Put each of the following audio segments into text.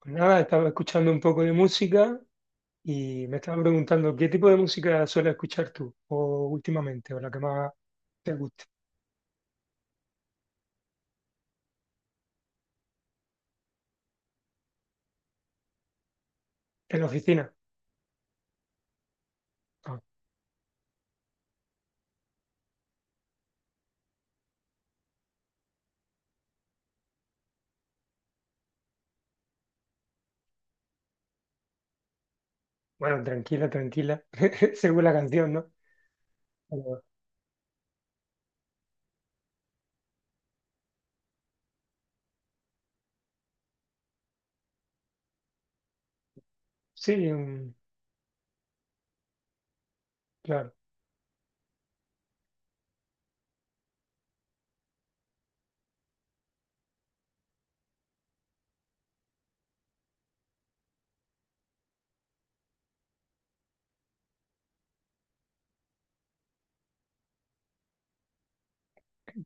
Pues nada, estaba escuchando un poco de música y me estaba preguntando qué tipo de música sueles escuchar tú, o últimamente, o la que más te guste. En la oficina. Ah, bueno, tranquila, tranquila, según la canción, ¿no? Pero sí, mm, claro,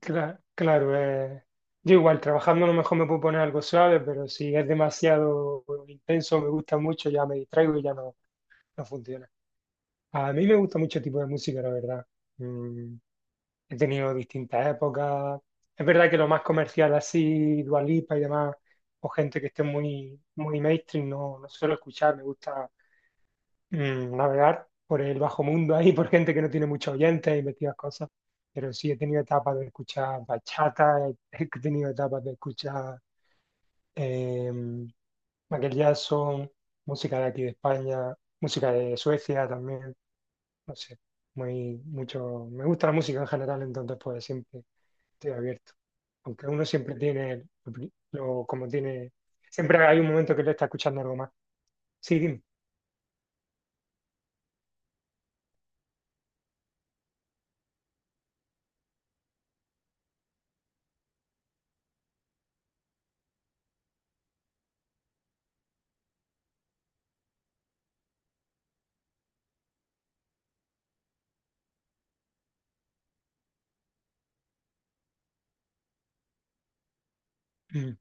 claro. Yo igual, trabajando a lo mejor me puedo poner algo suave, pero si es demasiado intenso, me gusta mucho, ya me distraigo y ya no, no funciona. A mí me gusta mucho el tipo de música, la verdad. Mm. He tenido distintas épocas. Es verdad que lo más comercial así, Dua Lipa y demás, o gente que esté muy, muy mainstream, no, no suelo escuchar. Me gusta navegar por el bajo mundo ahí, por gente que no tiene muchos oyentes y metidas cosas. Pero sí, he tenido etapas de escuchar bachata, he tenido etapas de escuchar eh, Michael Jackson, música de aquí de España, música de Suecia también, no sé, muy, mucho. Me gusta la música en general, entonces pues siempre estoy abierto. Aunque uno siempre tiene, como tiene, siempre hay un momento que le está escuchando algo más. Sí, dime. Mm.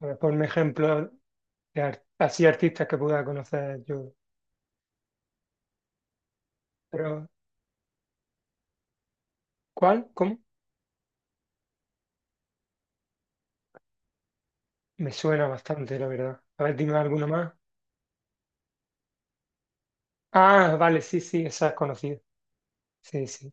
A ver, ponme ejemplo de así artistas que pueda conocer yo. Pero, ¿cuál? ¿Cómo? Me suena bastante, la verdad. A ver, dime alguno más. Ah, vale, sí, sí, esa es conocida. Sí, sí.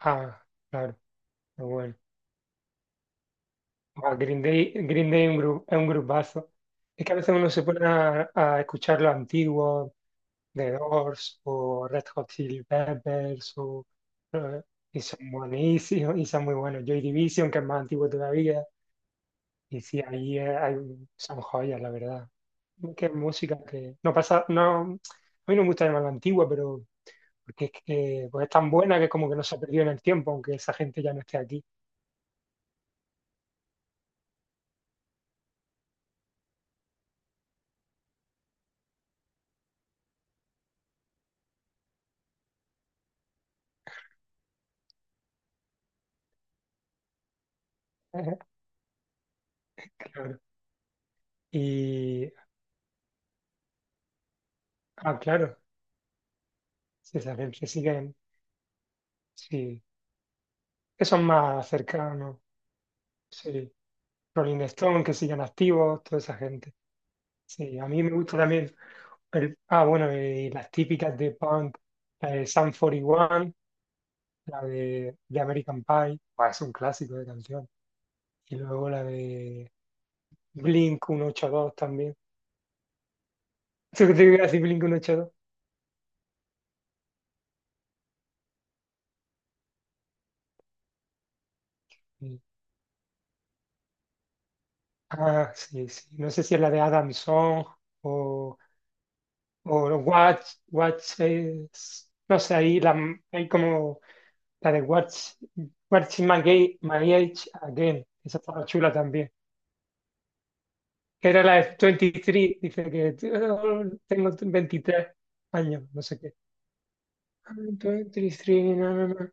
Ah, claro, muy bueno. Ah, Green Day es un es un grupazo. Es que a veces uno se pone a escuchar lo antiguo, The Doors o Red Hot Chili Peppers eh, y son buenísimos y son muy buenos. Joy Division, que es más antiguo todavía, y sí, ahí hay, son joyas, la verdad. Qué música que no pasa. No, a mí no me gusta llamarla antigua, pero porque es que pues es tan buena que como que no se ha perdido en el tiempo, aunque esa gente ya no esté aquí. Claro. Y, ah, claro, sí, esa gente siguen, sí, que son más cercanos, sí. Rolling Stone, que siguen activos, toda esa gente. Sí, a mí me gusta también. Bueno, y las típicas de punk, la de Sum 41, la de American Pie, bah, es un clásico de canción. Y luego la de Blink 182 también. ¿Tú qué te iba a decir? Blink 182. Sí. Ah, sí, sí. No sé si es la de Adam Song o no sé, ahí la, hay como la de Watch My Age Again. Esa estaba chula también. Que Era la de 23, dice que: "Oh, tengo 23 años, no sé qué". "I'm 23, na, na, na".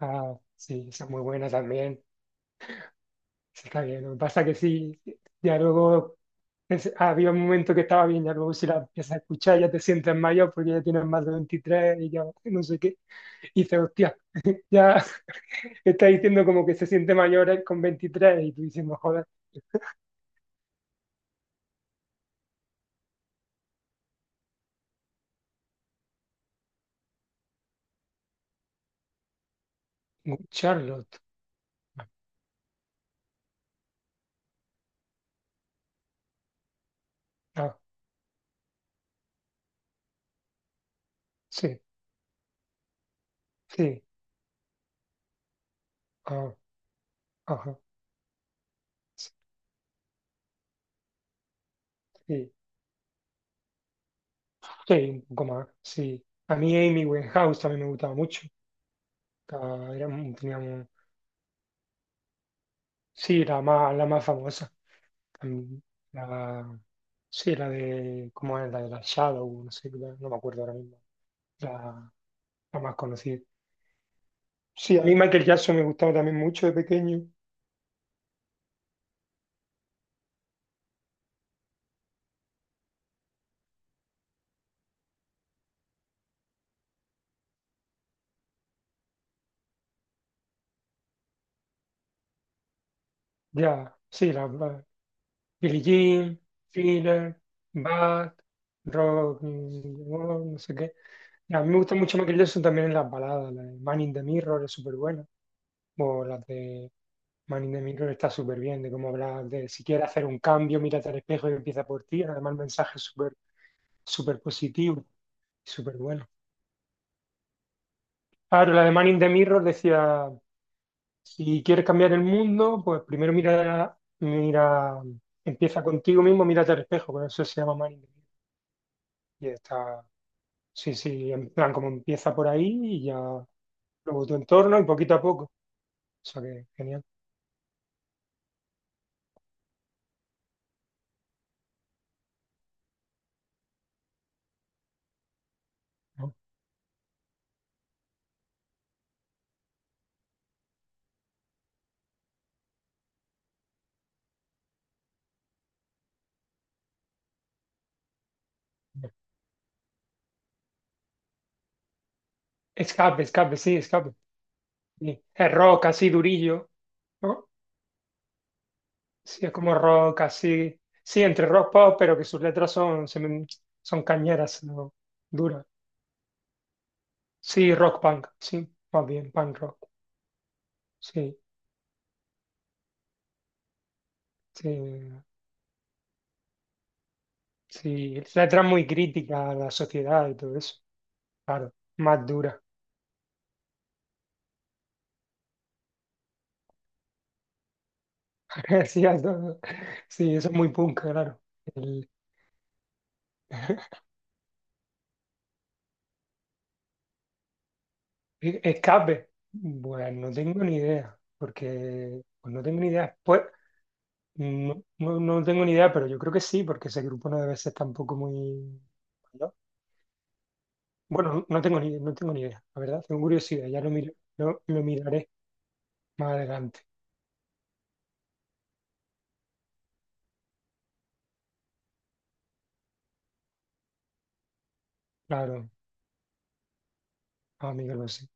Ah, sí, esa es muy buena también. Esa está bien. Lo que pasa que sí, ya luego había un momento que estaba bien, ya luego si la empiezas a escuchar ya te sientes mayor porque ya tienes más de 23 y ya no sé qué. Y dices, hostia, ya está diciendo como que se siente mayor con 23 y tú diciendo, joder. Charlotte. Ah, sí, sí, ah, ajá. Sí. Sí, sí, un poco más, sí. A mí Amy Winehouse también me gustaba mucho. Era, era mu- tenía mu- Sí, la más famosa. También, la- sí, la de, ¿cómo es? La de la Shadow, no sé, no me acuerdo ahora mismo. La, la más conocida. Sí, a mí Michael Jackson me gustaba también mucho de pequeño. Ya, sí, Billie Jean, Thriller, Bad, Rock, no sé qué. A mí me gusta mucho Michael Jackson también en las baladas. La de Man in the Mirror es súper buena. O las de Man in the Mirror está súper bien, de cómo hablar de si quieres hacer un cambio, mírate al espejo y empieza por ti. Además, el mensaje es súper súper positivo y súper bueno. Claro, la de Man in the Mirror decía, si quieres cambiar el mundo, pues primero mira, mira, empieza contigo mismo, mírate al espejo, por eso se llama Man in the Mirror. Y está, sí, sí, en plan, como empieza por ahí y ya luego tu entorno y poquito a poco. O sea que, genial, ¿no? Escape, escape. Sí, es rock así durillo, ¿no? Sí, es como rock así, sí, entre rock pop, pero que sus letras son, son cañeras, ¿no? Duras. Sí, rock punk, sí, más bien, punk rock, sí, sí, sí, letras muy críticas a la sociedad y todo eso, claro, más dura, sí, a todo. Sí, eso es muy punk, claro. El- Escape, bueno, no tengo ni idea, porque pues no tengo ni idea. Pues no, no, no tengo ni idea, pero yo creo que sí, porque ese grupo no debe ser tampoco muy mayor. Bueno, no tengo ni idea, la verdad. Tengo curiosidad, ya lo miraré más adelante. Claro, amigo, lo sé.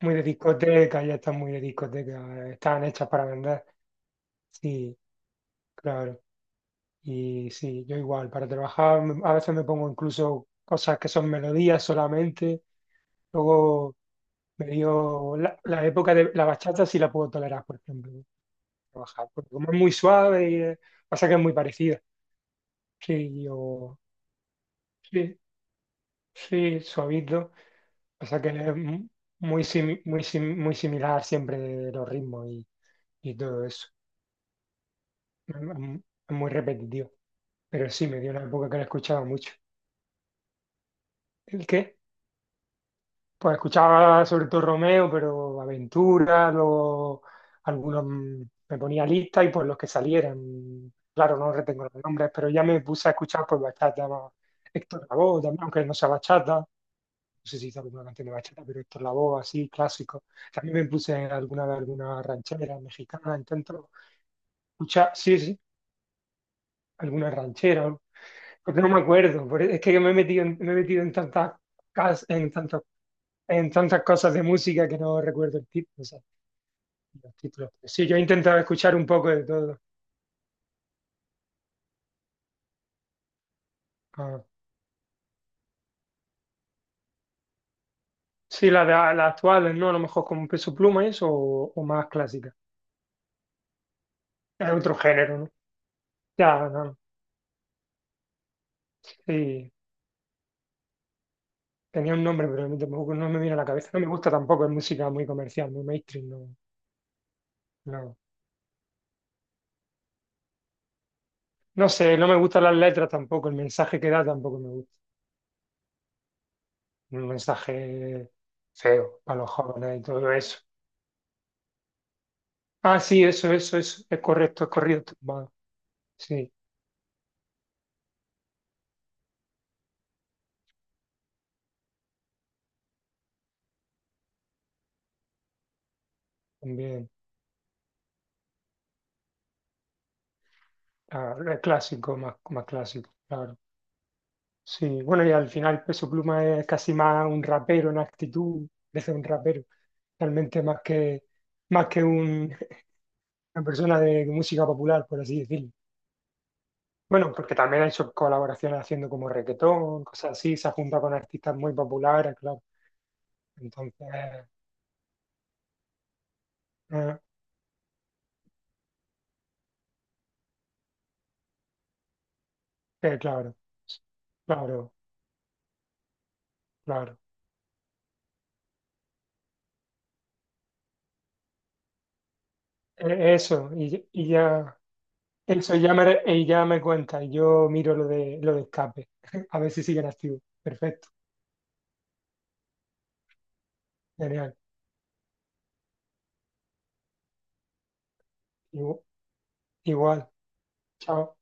Muy de discoteca, ya están muy de discoteca. Están hechas para vender. Sí, claro. Y sí, yo igual, para trabajar a veces me pongo incluso cosas que son melodías solamente. Luego me dio la época de la bachata, sí la puedo tolerar, por ejemplo. Trabajar, porque como es muy suave, y pasa que es muy parecido. Sí, yo, sí, sí, suavito, pasa que es muy similar siempre los ritmos y todo eso. Es mu- es muy repetitivo, pero sí, me dio una época que lo escuchaba mucho. ¿El qué? Pues escuchaba sobre todo Romeo, pero Aventura, luego algunos, me ponía lista y pues los que salieran, claro, no retengo los nombres, pero ya me puse a escuchar pues bachata, ¿no? Héctor Lavoe también, aunque no sea bachata, no sé si hizo alguna canción de bachata, pero Héctor Lavoe así, clásico. También me puse alguna de alguna ranchera mexicana, intento escuchar, sí, sí, alguna ranchera, porque no me acuerdo, es que me he metido en tantas, cas- en tantos- en tantas cosas de música que no recuerdo el título, o sea, los títulos. Sí, yo he intentado escuchar un poco de todo. Ah, sí, las actuales, ¿no? A lo mejor con Peso Pluma y eso, o, más clásica. Es otro género, ¿no? Ya, no, sí, tenía un nombre, pero tampoco no me viene a la cabeza. No me gusta tampoco, es música muy comercial, muy mainstream, no, no. No sé, no me gustan las letras tampoco, el mensaje que da tampoco me gusta. Un mensaje feo para los jóvenes y todo eso. Ah, sí, eso, eso, eso. Es correcto, es correcto. Va. Sí, también. Ah, es clásico, más, más clásico, claro. Sí, bueno, y al final Peso Pluma es casi más un rapero en actitud, desde un rapero, realmente más que una persona de música popular, por así decirlo. Bueno, porque también ha hecho colaboraciones haciendo como reggaetón, cosas así, se ha juntado con artistas muy populares, claro. Entonces, eh, Sí, claro, claro, claro. Eso, y ya, y ya me cuenta, y yo miro lo de escape, a ver si siguen activos. Perfecto, genial. Igu- Igual, chao.